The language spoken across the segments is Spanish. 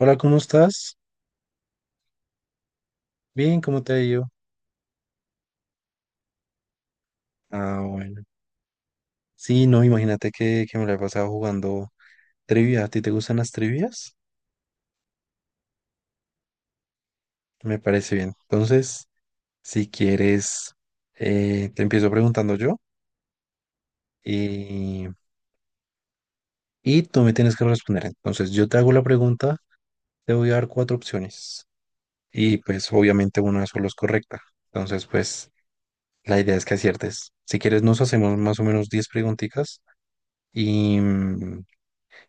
Hola, ¿cómo estás? Bien, ¿cómo te ha ido? Ah, bueno. Sí, no, imagínate que, me la he pasado jugando trivia. ¿A ti te gustan las trivias? Me parece bien. Entonces, si quieres, te empiezo preguntando yo y, y tú me tienes que responder. Entonces, yo te hago la pregunta, te voy a dar cuatro opciones y pues obviamente una solo es correcta. Entonces, pues la idea es que aciertes. Si quieres, nos hacemos más o menos 10 preguntitas y, mm,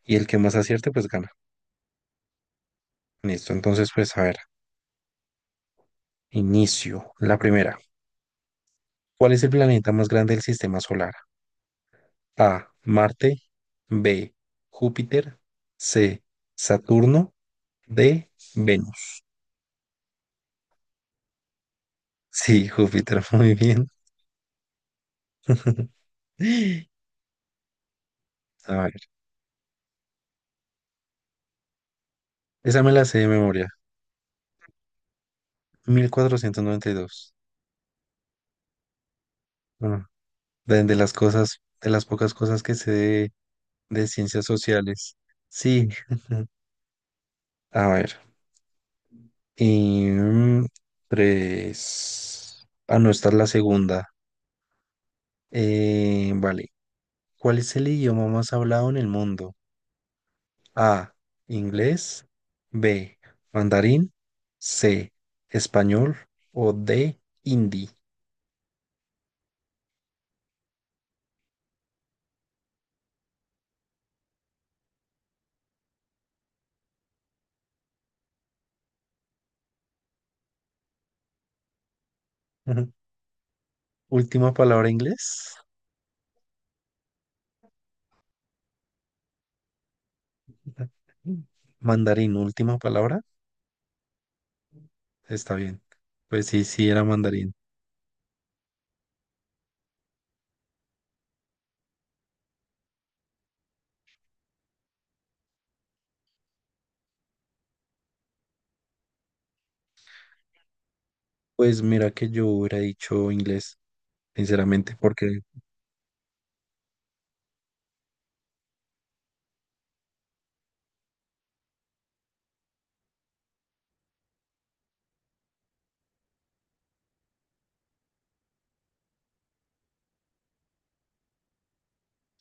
y el que más acierte, pues gana. Listo, entonces pues a ver, inicio. La primera, ¿cuál es el planeta más grande del sistema solar? A, Marte, B, Júpiter, C, Saturno, D, Venus. Sí, Júpiter, muy bien. A ver, esa me la sé de memoria. 1492. Bueno, de las cosas, de las pocas cosas que sé de, ciencias sociales. Sí, a ver, y tres. Ah, no, esta es la segunda. Vale. ¿Cuál es el idioma más hablado en el mundo? A. Inglés. B. Mandarín. C. Español. O D. Hindi. Ujú. Última palabra, inglés. Mandarín, última palabra. Está bien. Pues sí, sí, era mandarín. Pues mira que yo hubiera dicho inglés, sinceramente, porque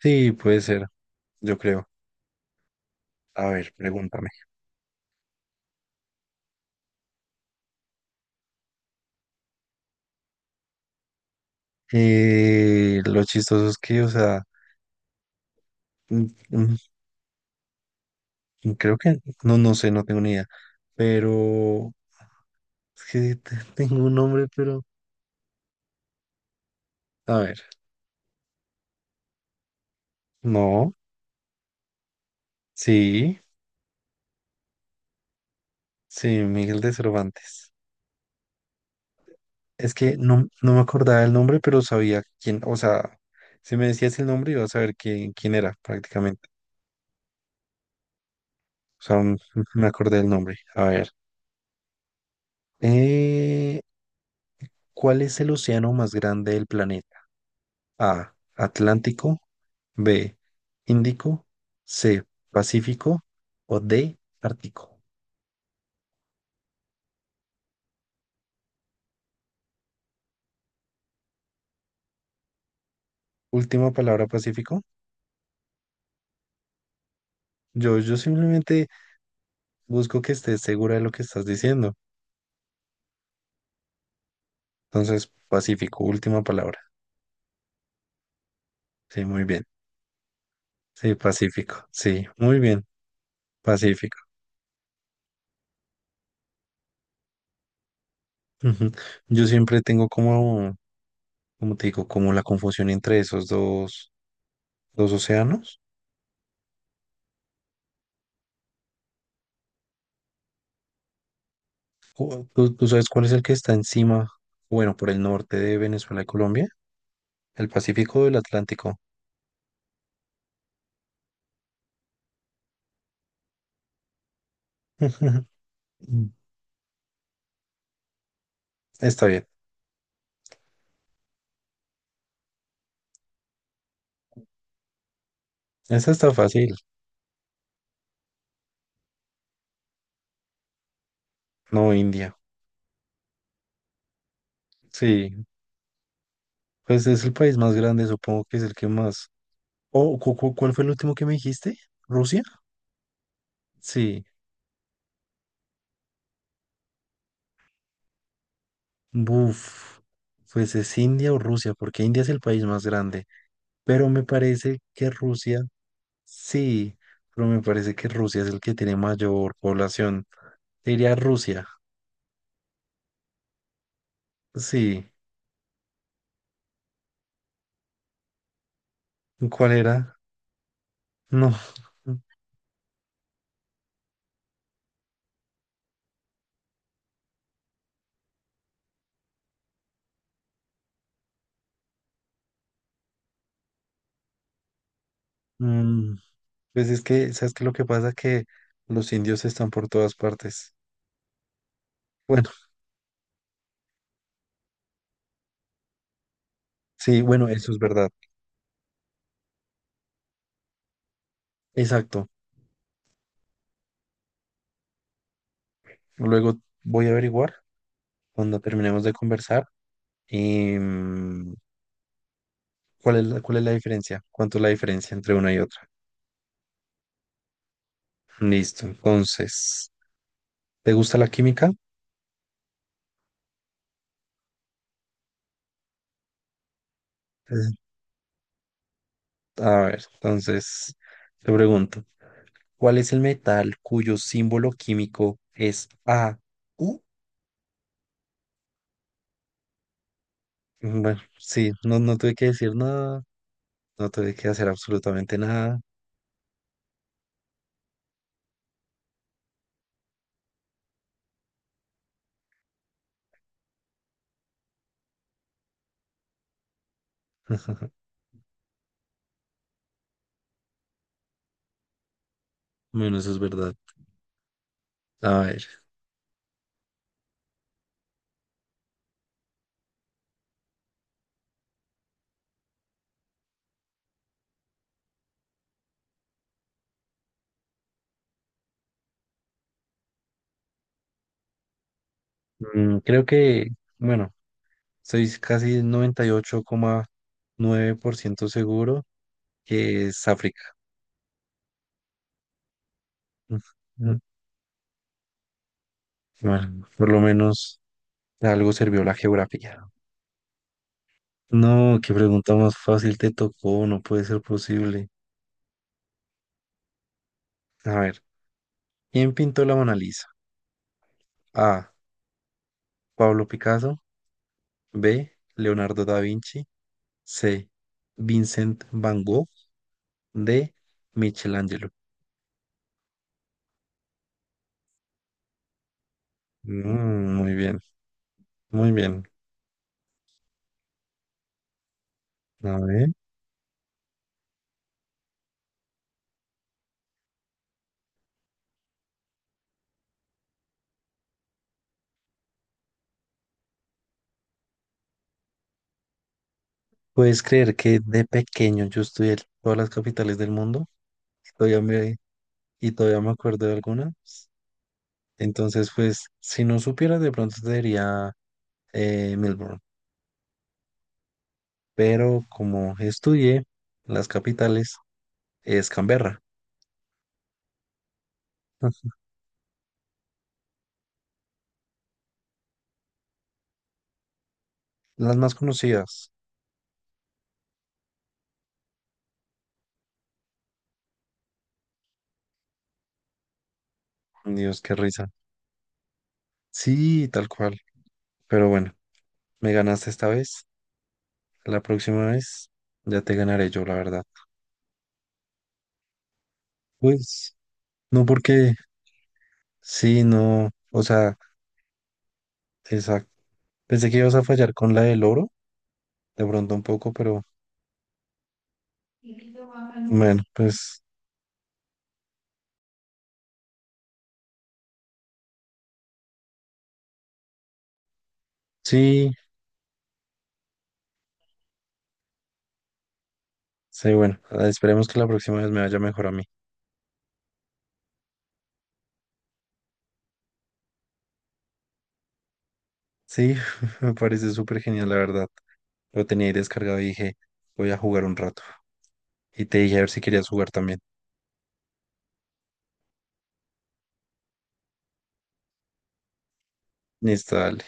sí, puede ser, yo creo. A ver, pregúntame. Lo chistoso es que, o sea, mm, mm, creo que, no, no sé, no tengo ni idea, pero es que tengo un nombre, pero, a ver, no, sí, sí, Miguel de Cervantes. Es que no, no me acordaba el nombre, pero sabía quién, o sea, si me decías el nombre, iba a saber quién era prácticamente. O sea, me acordé del nombre. A ver, eh, ¿cuál es el océano más grande del planeta? A. Atlántico. B. Índico. C. Pacífico. O D. Ártico. Última palabra, Pacífico. Yo simplemente busco que estés segura de lo que estás diciendo. Entonces, Pacífico, última palabra. Sí, muy bien. Sí, Pacífico. Sí, muy bien. Pacífico. Ujú. Yo siempre tengo como, como te digo, como la confusión entre esos dos océanos. ¿Tú sabes cuál es el que está encima, bueno, por el norte de Venezuela y Colombia? El Pacífico o el Atlántico. Está bien. Esa está fácil. No, India. Sí, pues es el país más grande, supongo que es el que más. Oh, ¿cuál fue el último que me dijiste? ¿Rusia? Sí. Buf. Pues es India o Rusia, porque India es el país más grande. Pero me parece que Rusia, sí, pero me parece que Rusia es el que tiene mayor población. Diría Rusia. Sí. ¿Cuál era? No. Mm, pues es que, ¿sabes qué? Lo que pasa que los indios están por todas partes. Bueno, sí, bueno, eso es verdad. Exacto. Luego voy a averiguar cuando terminemos de conversar y cuál es la diferencia, cuánto es la diferencia entre una y otra. Listo. Entonces, ¿te gusta la química? Pues, a ver, entonces te pregunto, ¿cuál es el metal cuyo símbolo químico es AU? Bueno, sí, no, no tuve que decir nada. No tuve que hacer absolutamente nada. Bueno, eso es verdad. A ver, creo que, bueno, estoy casi 98,9% seguro que es África. Mm, mm, Bueno, por lo menos algo sirvió la geografía. No, qué pregunta más fácil te tocó, no puede ser posible. A ver, ¿quién pintó la Mona Lisa? A. Pablo Picasso. B. Leonardo da Vinci. C. Vincent Van Gogh. D. Michelangelo. Mm, muy bien, muy bien. A ver, ¿puedes creer que de pequeño yo estudié todas las capitales del mundo? Y todavía me acuerdo de algunas. Entonces, pues, si no supiera, de pronto te diría, Melbourne. Pero como estudié las capitales, es Canberra. Las más conocidas. Dios, qué risa. Sí, tal cual. Pero bueno, me ganaste esta vez. La próxima vez ya te ganaré yo, la verdad. Pues, no porque... Sí, no, o sea, exacto. Pensé que ibas a fallar con la del oro, de pronto un poco, pero bueno, pues sí, sí, bueno, ah, esperemos que la próxima vez me vaya mejor a mí. Sí, me parece súper genial, la verdad. Lo tenía ahí descargado y dije, voy a jugar un rato. Y te dije a ver si querías jugar también. Listo, dale.